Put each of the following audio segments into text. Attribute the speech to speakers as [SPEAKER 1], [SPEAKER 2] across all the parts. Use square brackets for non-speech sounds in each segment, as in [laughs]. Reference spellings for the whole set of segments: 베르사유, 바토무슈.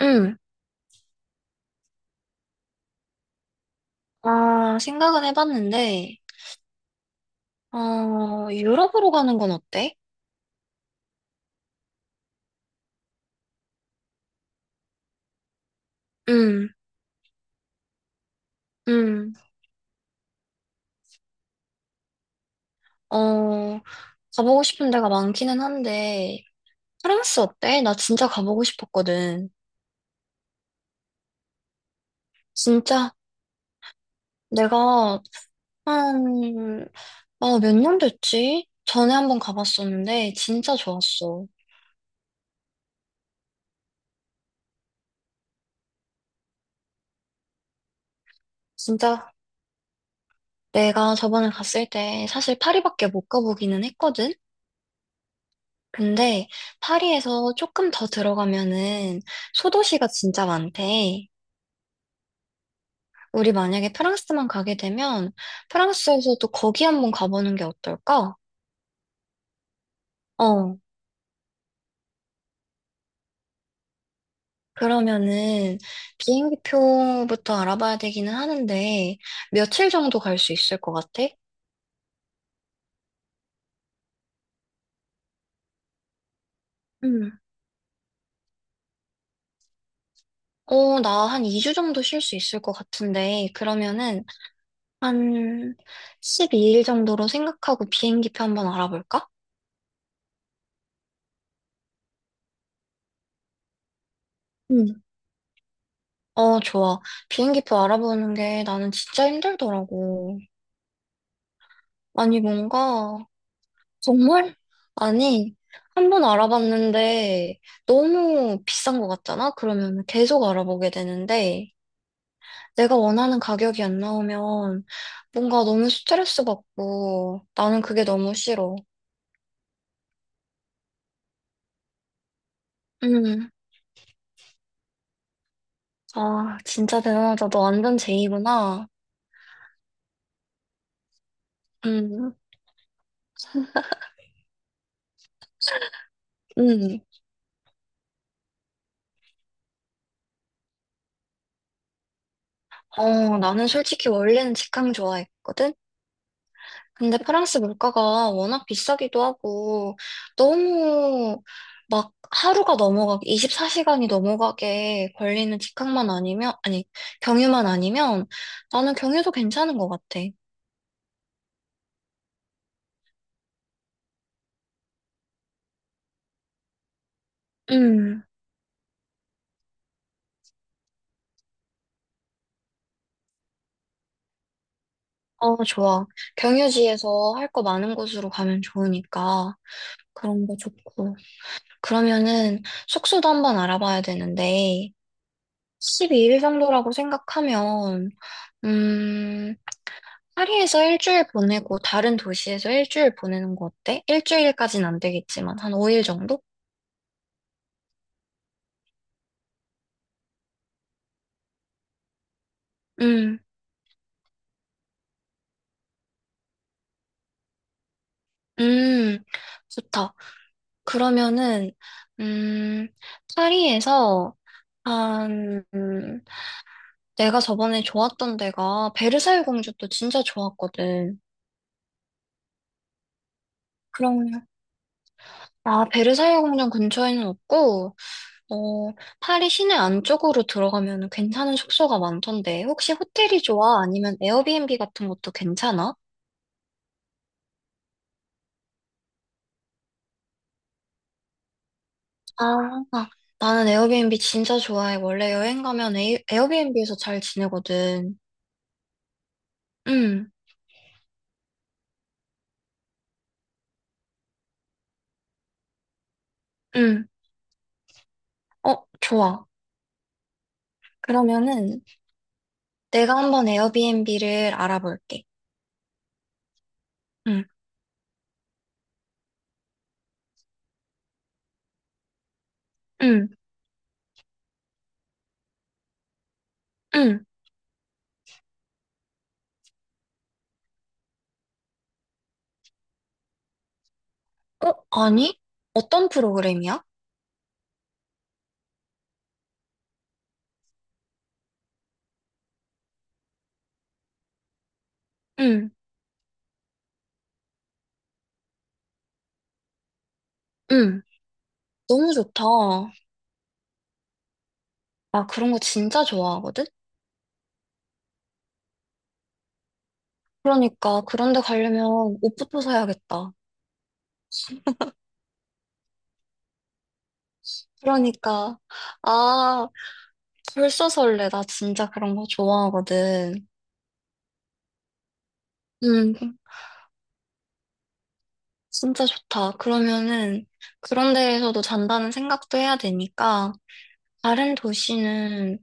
[SPEAKER 1] 응. 생각은 해봤는데, 어, 유럽으로 가는 건 어때? 응, 응. 어, 가보고 싶은 데가 많기는 한데, 프랑스 어때? 나 진짜 가보고 싶었거든. 진짜 내가 한, 몇 년 됐지? 전에 한번 가봤었는데, 진짜 좋았어. 진짜 내가 저번에 갔을 때 사실 파리밖에 못 가보기는 했거든? 근데 파리에서 조금 더 들어가면은 소도시가 진짜 많대. 우리 만약에 프랑스만 가게 되면 프랑스에서도 거기 한번 가보는 게 어떨까? 어. 그러면은 비행기표부터 알아봐야 되기는 하는데 며칠 정도 갈 수 있을 것 같아? 음. 나 한 2주 정도 쉴 수 있을 것 같은데 그러면은 한 12일 정도로 생각하고 비행기표 한번 알아볼까? 어, 좋아. 비행기표 알아보는 게 나는 진짜 힘들더라고. 아니, 뭔가, 정말? 아니, 한 번 알아봤는데 너무 비싼 것 같잖아? 그러면 계속 알아보게 되는데 내가 원하는 가격이 안 나오면 뭔가 너무 스트레스 받고 나는 그게 너무 싫어. 음, 아, 진짜 대단하다. 너 완전 제이구나. 음, 음. 나는 솔직히 원래는 직항 좋아했거든? 근데 프랑스 물가가 워낙 비싸기도 하고, 너무 막 하루가 넘어가게, 24시간이 넘어가게 걸리는 직항만 아니면, 아니, 경유만 아니면, 나는 경유도 괜찮은 것 같아. 음, 어, 좋아. 경유지에서 할 거 많은 곳으로 가면 좋으니까, 그런 거 좋고. 그러면은, 숙소도 한번 알아봐야 되는데, 12일 정도라고 생각하면, 음, 파리에서 일주일 보내고 다른 도시에서 일주일 보내는 거 어때? 일주일까진 안 되겠지만, 한 5일 정도? 음, 음, 좋다. 그러면은, 음, 파리에서, 한, 음, 내가 저번에 좋았던 데가 베르사유 궁전도 진짜 좋았거든. 그럼, 베르사유 궁전 근처에는 없고, 어, 파리 시내 안쪽으로 들어가면 괜찮은 숙소가 많던데, 혹시 호텔이 좋아? 아니면 에어비앤비 같은 것도 괜찮아? 아, 아, 나는 에어비앤비 진짜 좋아해. 원래 여행 가면 에어비앤비에서 잘 지내거든. 응, 응. 어, 좋아. 그러면은 내가 한번 에어비앤비를 알아볼게. 응, 응, 응. 어, 아니? 어떤 프로그램이야? 응, 응. 너무 좋다. 나 그런 거 진짜 좋아하거든? 그러니까 그런 데 가려면 옷부터 사야겠다. 그러니까 아 벌써 설레. 나 진짜 그런 거 좋아하거든. 음 진짜 좋다. 그러면은 그런 데에서도 잔다는 생각도 해야 되니까 다른 도시는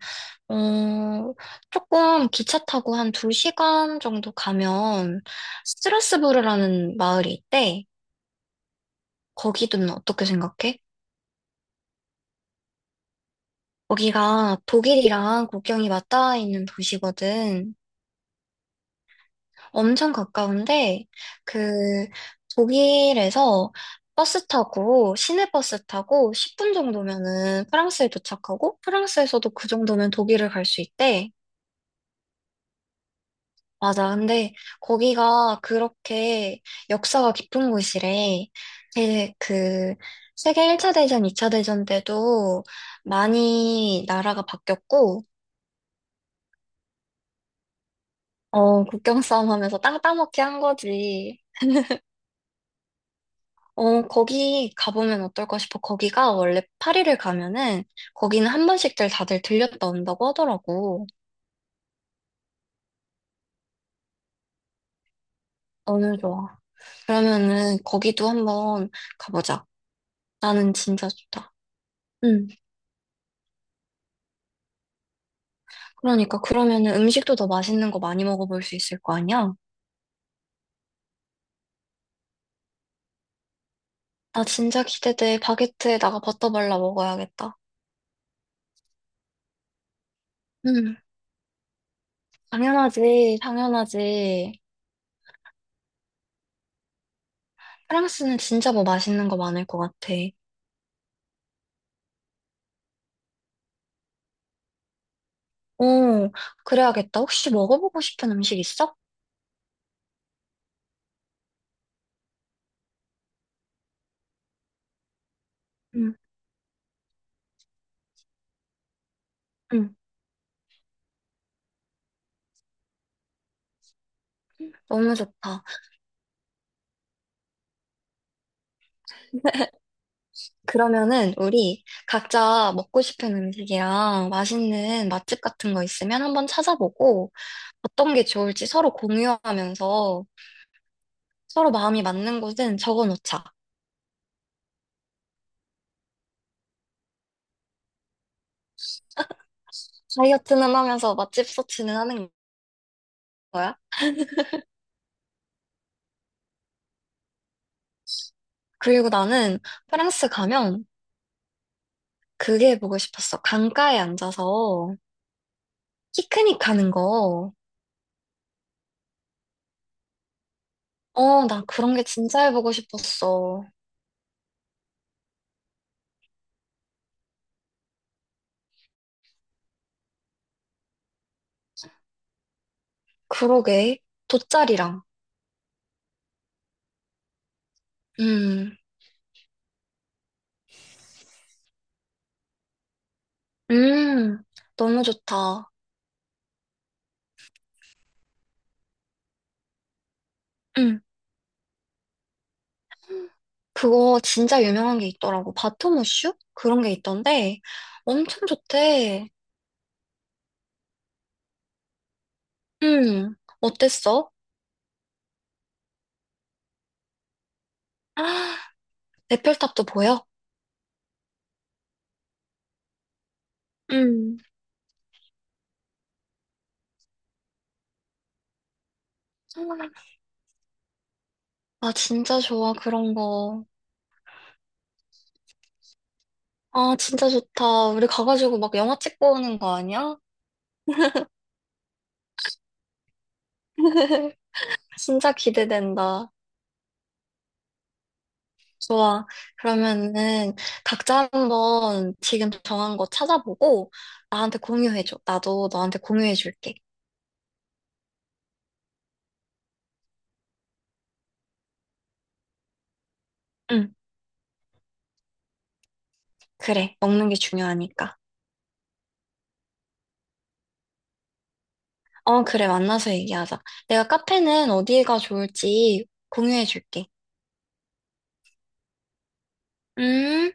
[SPEAKER 1] 어 조금 기차 타고 한 두시간 정도 가면 스트라스부르라는 마을이 있대. 거기는 어떻게 생각해? 거기가 독일이랑 국경이 맞닿아 있는 도시거든. 엄청 가까운데, 그, 독일에서 버스 타고, 시내 버스 타고 10분 정도면은 프랑스에 도착하고, 프랑스에서도 그 정도면 독일을 갈 수 있대. 맞아. 근데 거기가 그렇게 역사가 깊은 곳이래. 제, 그, 세계 1차 대전, 2차 대전 때도 많이 나라가 바뀌었고, 어, 국경 싸움 하면서 땅 따먹기 한 거지. 어, 거기 가보면 어떨까 싶어. 거기가 원래 파리를 가면은 거기는 한 번씩들 다들 들렸다 온다고 하더라고. 너무 좋아. 그러면은 거기도 한번 가보자. 나는 진짜 좋다. 응. 그러니까 그러면은 음식도 더 맛있는 거 많이 먹어볼 수 있을 거 아니야? 나 진짜 기대돼. 바게트에다가 버터 발라 먹어야겠다. 응. 당연하지. 당연하지. 프랑스는 진짜 뭐 맛있는 거 많을 것 같아. 오, 그래야겠다. 혹시 먹어보고 싶은 음식 있어? 응. 응, 너무 좋다. [laughs] 그러면은 우리 각자 먹고 싶은 음식이랑 맛있는 맛집 같은 거 있으면 한번 찾아보고 어떤 게 좋을지 서로 공유하면서 서로 마음이 맞는 곳은 적어 놓자. 다이어트는 하면서 맛집 서치는 하는 거야. 그리고 나는 프랑스 가면 그게 보고 싶었어. 강가에 앉아서 피크닉 하는 거. 어, 나 그런 게 진짜 해보고 싶었어. 그러게. 돗자리랑. 음. 음, 너무 좋다. 음, 그거 진짜 유명한 게 있더라고. 바토무슈? 그런 게 있던데 엄청 좋대. 음, 어땠어? [gasps] 아, 에펠탑도 보여? 음. 아, 진짜 좋아, 그런 거. 아, 진짜 좋다. 우리 가가지고 막 영화 찍고 오는 거 아니야? [laughs] 진짜 기대된다. 좋아. 그러면은 각자 한번 지금 정한 거 찾아보고 나한테 공유해줘. 나도 너한테 공유해줄게. 응, 그래. 먹는 게 중요하니까. 어, 그래. 만나서 얘기하자. 내가 카페는 어디가 좋을지 공유해줄게. 음.